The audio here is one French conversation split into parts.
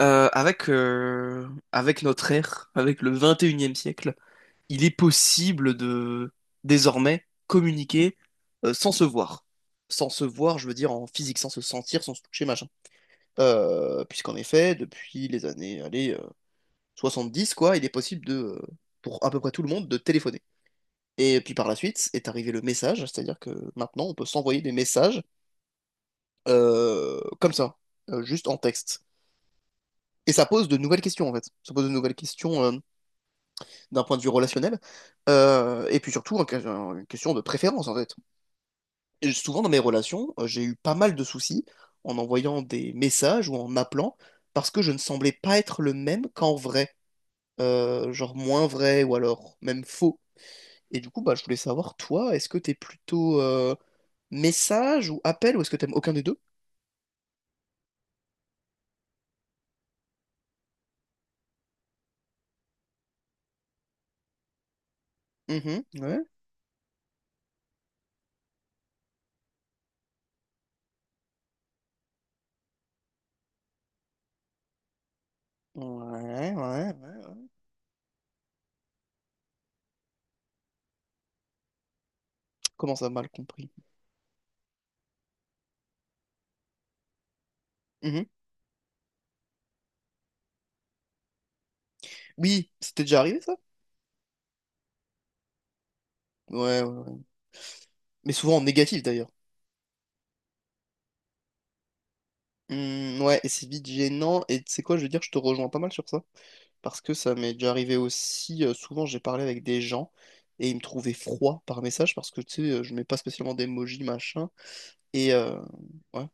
Avec, avec notre ère, avec le 21e siècle, il est possible de désormais communiquer sans se voir. Sans se voir, je veux dire en physique, sans se sentir, sans se toucher, machin. Puisqu'en effet, depuis les années, allez, dix quoi, il est possible de pour à peu près tout le monde, de téléphoner. Et puis par la suite est arrivé le message, c'est-à-dire que maintenant on peut s'envoyer des messages comme ça, juste en texte. Et ça pose de nouvelles questions en fait. Ça pose de nouvelles questions, d'un point de vue relationnel, et puis surtout question de préférence en fait. Et souvent dans mes relations, j'ai eu pas mal de soucis en envoyant des messages ou en appelant parce que je ne semblais pas être le même qu'en vrai, genre moins vrai ou alors même faux. Et du coup, bah, je voulais savoir, toi, est-ce que t'es plutôt message ou appel ou est-ce que t'aimes aucun des deux? Mhm, ouais. Ouais, ouais, ouais. Comment ça, mal compris? Mhm. Oui, c'était déjà arrivé ça? Ouais, ouais, ouais. Mais souvent en négatif d'ailleurs. Hmm, ouais, et c'est vite gênant. Et tu sais quoi, je veux dire, je te rejoins pas mal sur ça. Parce que ça m'est déjà arrivé aussi. Souvent, j'ai parlé avec des gens et ils me trouvaient froid par message parce que tu sais, je mets pas spécialement d'emoji, machin. Et euh, ouais.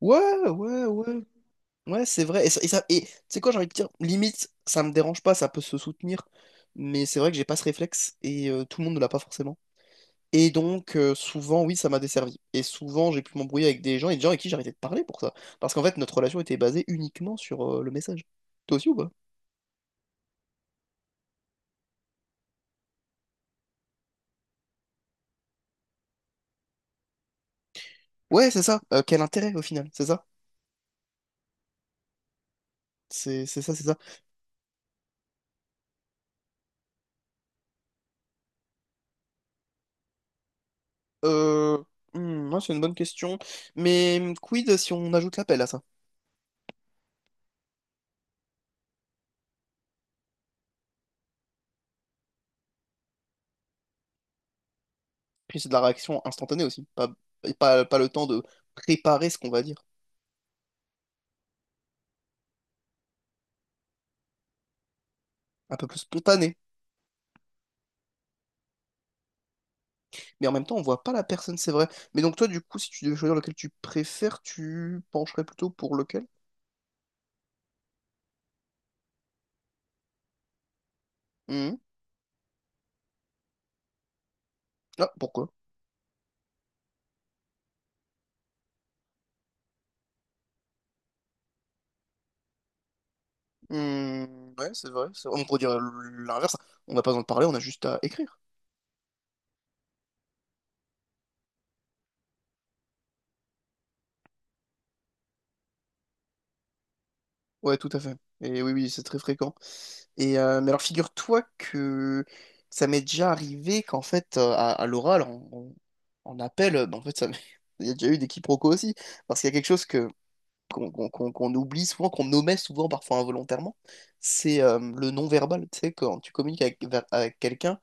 Ouais, ouais, ouais. Ouais, c'est vrai. Et tu sais quoi, j'ai envie de dire, limite, ça me dérange pas, ça peut se soutenir. Mais c'est vrai que j'ai pas ce réflexe et tout le monde ne l'a pas forcément. Et donc, souvent, oui, ça m'a desservi. Et souvent, j'ai pu m'embrouiller avec des gens et des gens avec qui j'arrêtais de parler pour ça. Parce qu'en fait, notre relation était basée uniquement sur le message. Toi aussi ou pas? Ouais, c'est ça. Quel intérêt au final? C'est ça? C'est ça, c'est ça. Euh, hmm, ouais, c'est une bonne question. Mais hmm, quid si on ajoute l'appel à ça? Puis c'est de la réaction instantanée aussi. Pas, et pas, pas le temps de préparer ce qu'on va dire. Un peu plus spontané. Mais en même temps, on voit pas la personne, c'est vrai. Mais donc, toi, du coup, si tu devais choisir lequel tu préfères, tu pencherais plutôt pour lequel? Hmm. Ah, pourquoi? Hmm, ouais, c'est vrai. On pourrait dire l'inverse. On n'a pas besoin de parler, on a juste à écrire. Ouais, tout à fait. Et oui, oui, c'est très fréquent. Et mais alors, figure-toi que ça m'est déjà arrivé qu'en fait, à l'oral, on appelle. Bah, en fait, ça m'est- il y a déjà eu des quiproquos aussi, parce qu'il y a quelque chose que qu'on qu'on- qu'on- qu'on oublie souvent, qu'on omet souvent, parfois involontairement. C'est le non-verbal. Tu sais, quand tu communiques avec quelqu'un.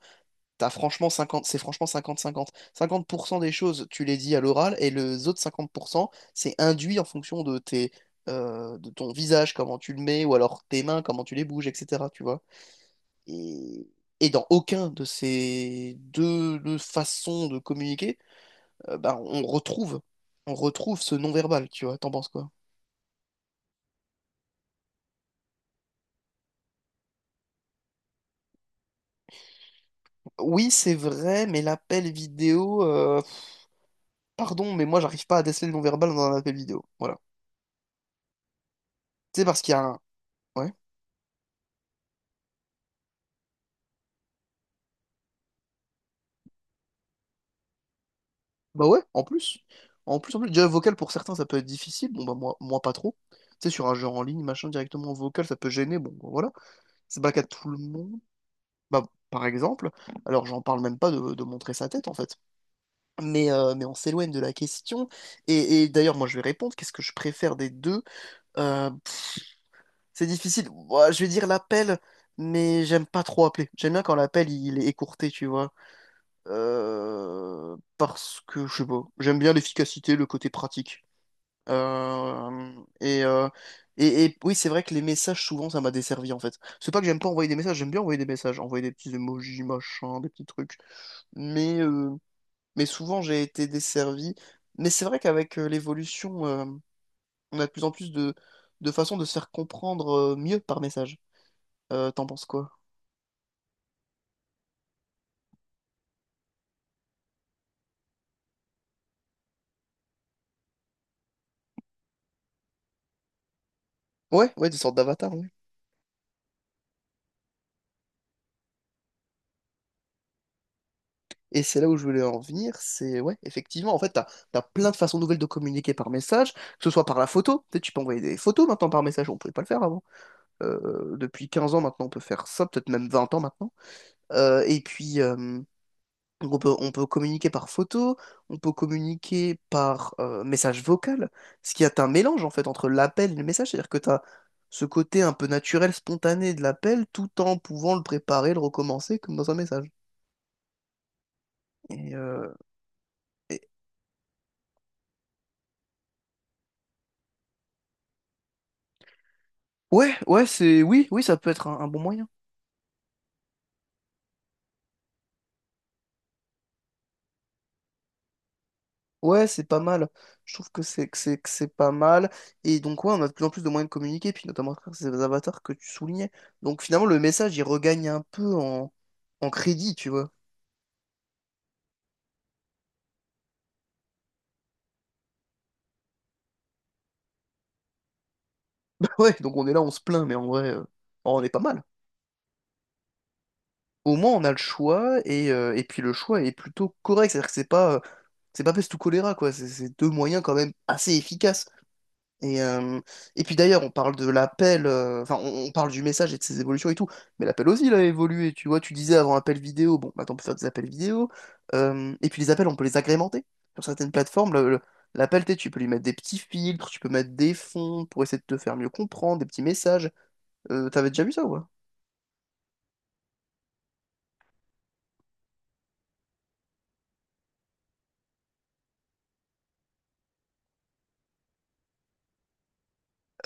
C'est franchement 50-50. 50% des choses, tu les dis à l'oral, et les autres 50%, c'est induit en fonction de tes, de ton visage, comment tu le mets, ou alors tes mains, comment tu les bouges, etc. Tu vois. Et, et dans aucun de ces deux façons de communiquer, ben, on retrouve ce non-verbal, tu vois. T'en penses quoi? Oui, c'est vrai, mais l'appel vidéo, pardon, mais moi, j'arrive pas à déceler le non-verbal dans un appel vidéo. Voilà. C'est parce qu'il y a un. Ouais. Bah ouais, en plus. En plus, en plus, déjà vocal pour certains ça peut être difficile, bon bah moi, moi pas trop. Tu sais, sur un jeu en ligne, machin, directement en vocal, ça peut gêner, bon bah, voilà. C'est pas le cas de tout le monde, bah par exemple, alors j'en parle même pas de montrer sa tête en fait. Mais on s'éloigne de la question, et d'ailleurs moi je vais répondre, qu'est-ce que je préfère des deux? Euh, pff, c'est difficile, ouah, je vais dire l'appel, mais j'aime pas trop appeler. J'aime bien quand l'appel il est écourté, tu vois. Parce que je sais pas, j'aime bien l'efficacité, le côté pratique. Euh, et, euh, et oui, c'est vrai que les messages, souvent, ça m'a desservi en fait. C'est pas que j'aime pas envoyer des messages, j'aime bien envoyer des messages, envoyer des petits emojis, machin, des petits trucs. Mais, euh, mais souvent, j'ai été desservi. Mais c'est vrai qu'avec l'évolution, on a de plus en plus de façons de se faire comprendre mieux par message. T'en penses quoi? Ouais, ouais, des sortes d'avatars, ouais. Et c'est là où je voulais en venir, c'est ouais, effectivement, en fait, t'as plein de façons nouvelles de communiquer par message, que ce soit par la photo, tu sais, tu peux envoyer des photos maintenant par message, on pouvait pas le faire avant. Depuis 15 ans maintenant, on peut faire ça, peut-être même 20 ans maintenant. Euh, et puis, euh, donc on peut communiquer par photo, on peut communiquer par message vocal, ce qui est un mélange en fait entre l'appel et le message, c'est-à-dire que tu as ce côté un peu naturel, spontané de l'appel, tout en pouvant le préparer, le recommencer comme dans un message. Et, euh, et- Ouais, ouais, c'est oui, oui, ça peut être un bon moyen. Ouais, c'est pas mal. Je trouve que c'est pas mal. Et donc ouais, on a de plus en plus de moyens de communiquer, puis notamment à travers ces avatars que tu soulignais. Donc finalement, le message, il regagne un peu en crédit, tu vois. Ouais, donc on est là, on se plaint, mais en vrai, on est pas mal. Au moins, on a le choix, et puis le choix est plutôt correct. C'est-à-dire que c'est pas peste ou choléra, quoi. C'est deux moyens quand même assez efficaces. Et, euh, et puis d'ailleurs, on parle de l'appel, enfin, on parle du message et de ses évolutions et tout, mais l'appel aussi, il a évolué, tu vois, tu disais avant appel vidéo, bon, maintenant on peut faire des appels vidéo, et puis les appels, on peut les agrémenter. Sur certaines plateformes, l'appel, tu sais, tu peux lui mettre des petits filtres, tu peux mettre des fonds pour essayer de te faire mieux comprendre, des petits messages. T'avais déjà vu ça, ouais?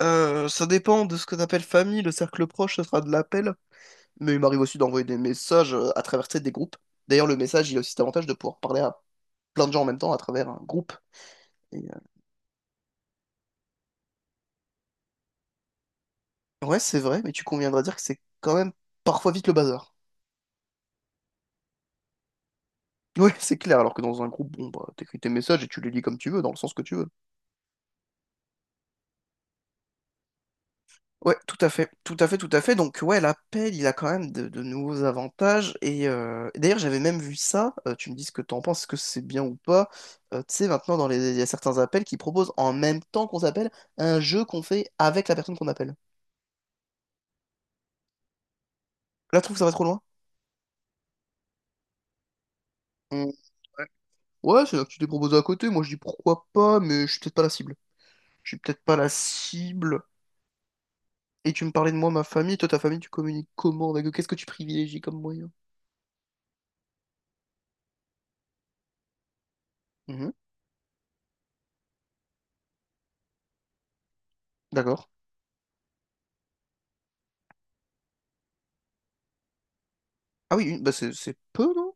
Ça dépend de ce que t'appelles famille, le cercle proche, ce sera de l'appel. Mais il m'arrive aussi d'envoyer des messages à travers tu sais, des groupes. D'ailleurs, le message, il a aussi cet avantage de pouvoir parler à plein de gens en même temps à travers un groupe. Et, euh, Ouais, c'est vrai, mais tu conviendras dire que c'est quand même parfois vite le bazar. Ouais, c'est clair, alors que dans un groupe, bon, bah, t'écris tes messages et tu les lis comme tu veux, dans le sens que tu veux. Ouais, tout à fait, tout à fait, tout à fait. Donc, ouais, l'appel, il a quand même de nouveaux avantages. Et d'ailleurs, j'avais même vu ça. Tu me dis ce que t'en penses, est-ce que c'est bien ou pas. Tu sais, maintenant, dans il y a certains appels qui proposent en même temps qu'on s'appelle un jeu qu'on fait avec la personne qu'on appelle. Là, je trouve que ça va trop loin? Mm, ouais. Ouais, c'est-à-dire que tu t'es proposé à côté. Moi, je dis pourquoi pas, mais je suis peut-être pas la cible. Je suis peut-être pas la cible. Et tu me parlais de moi, ma famille. Toi, ta famille, tu communiques comment avec eux? Qu'est-ce que tu privilégies comme moyen? Mhm. D'accord. Ah oui, bah c'est peu, non?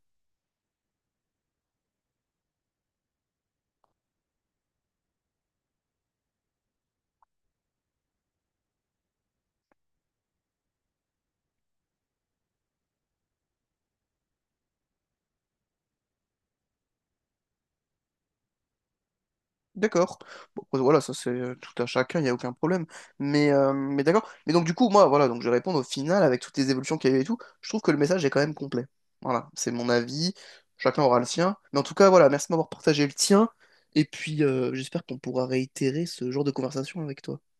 D'accord. Bon, après, voilà, ça c'est tout à chacun, il n'y a aucun problème. Mais d'accord. Mais donc du coup, moi, voilà, donc je vais répondre au final avec toutes les évolutions qu'il y a eu et tout. Je trouve que le message est quand même complet. Voilà, c'est mon avis. Chacun aura le sien. Mais en tout cas, voilà, merci de m'avoir partagé le tien. Et puis, j'espère qu'on pourra réitérer ce genre de conversation avec toi.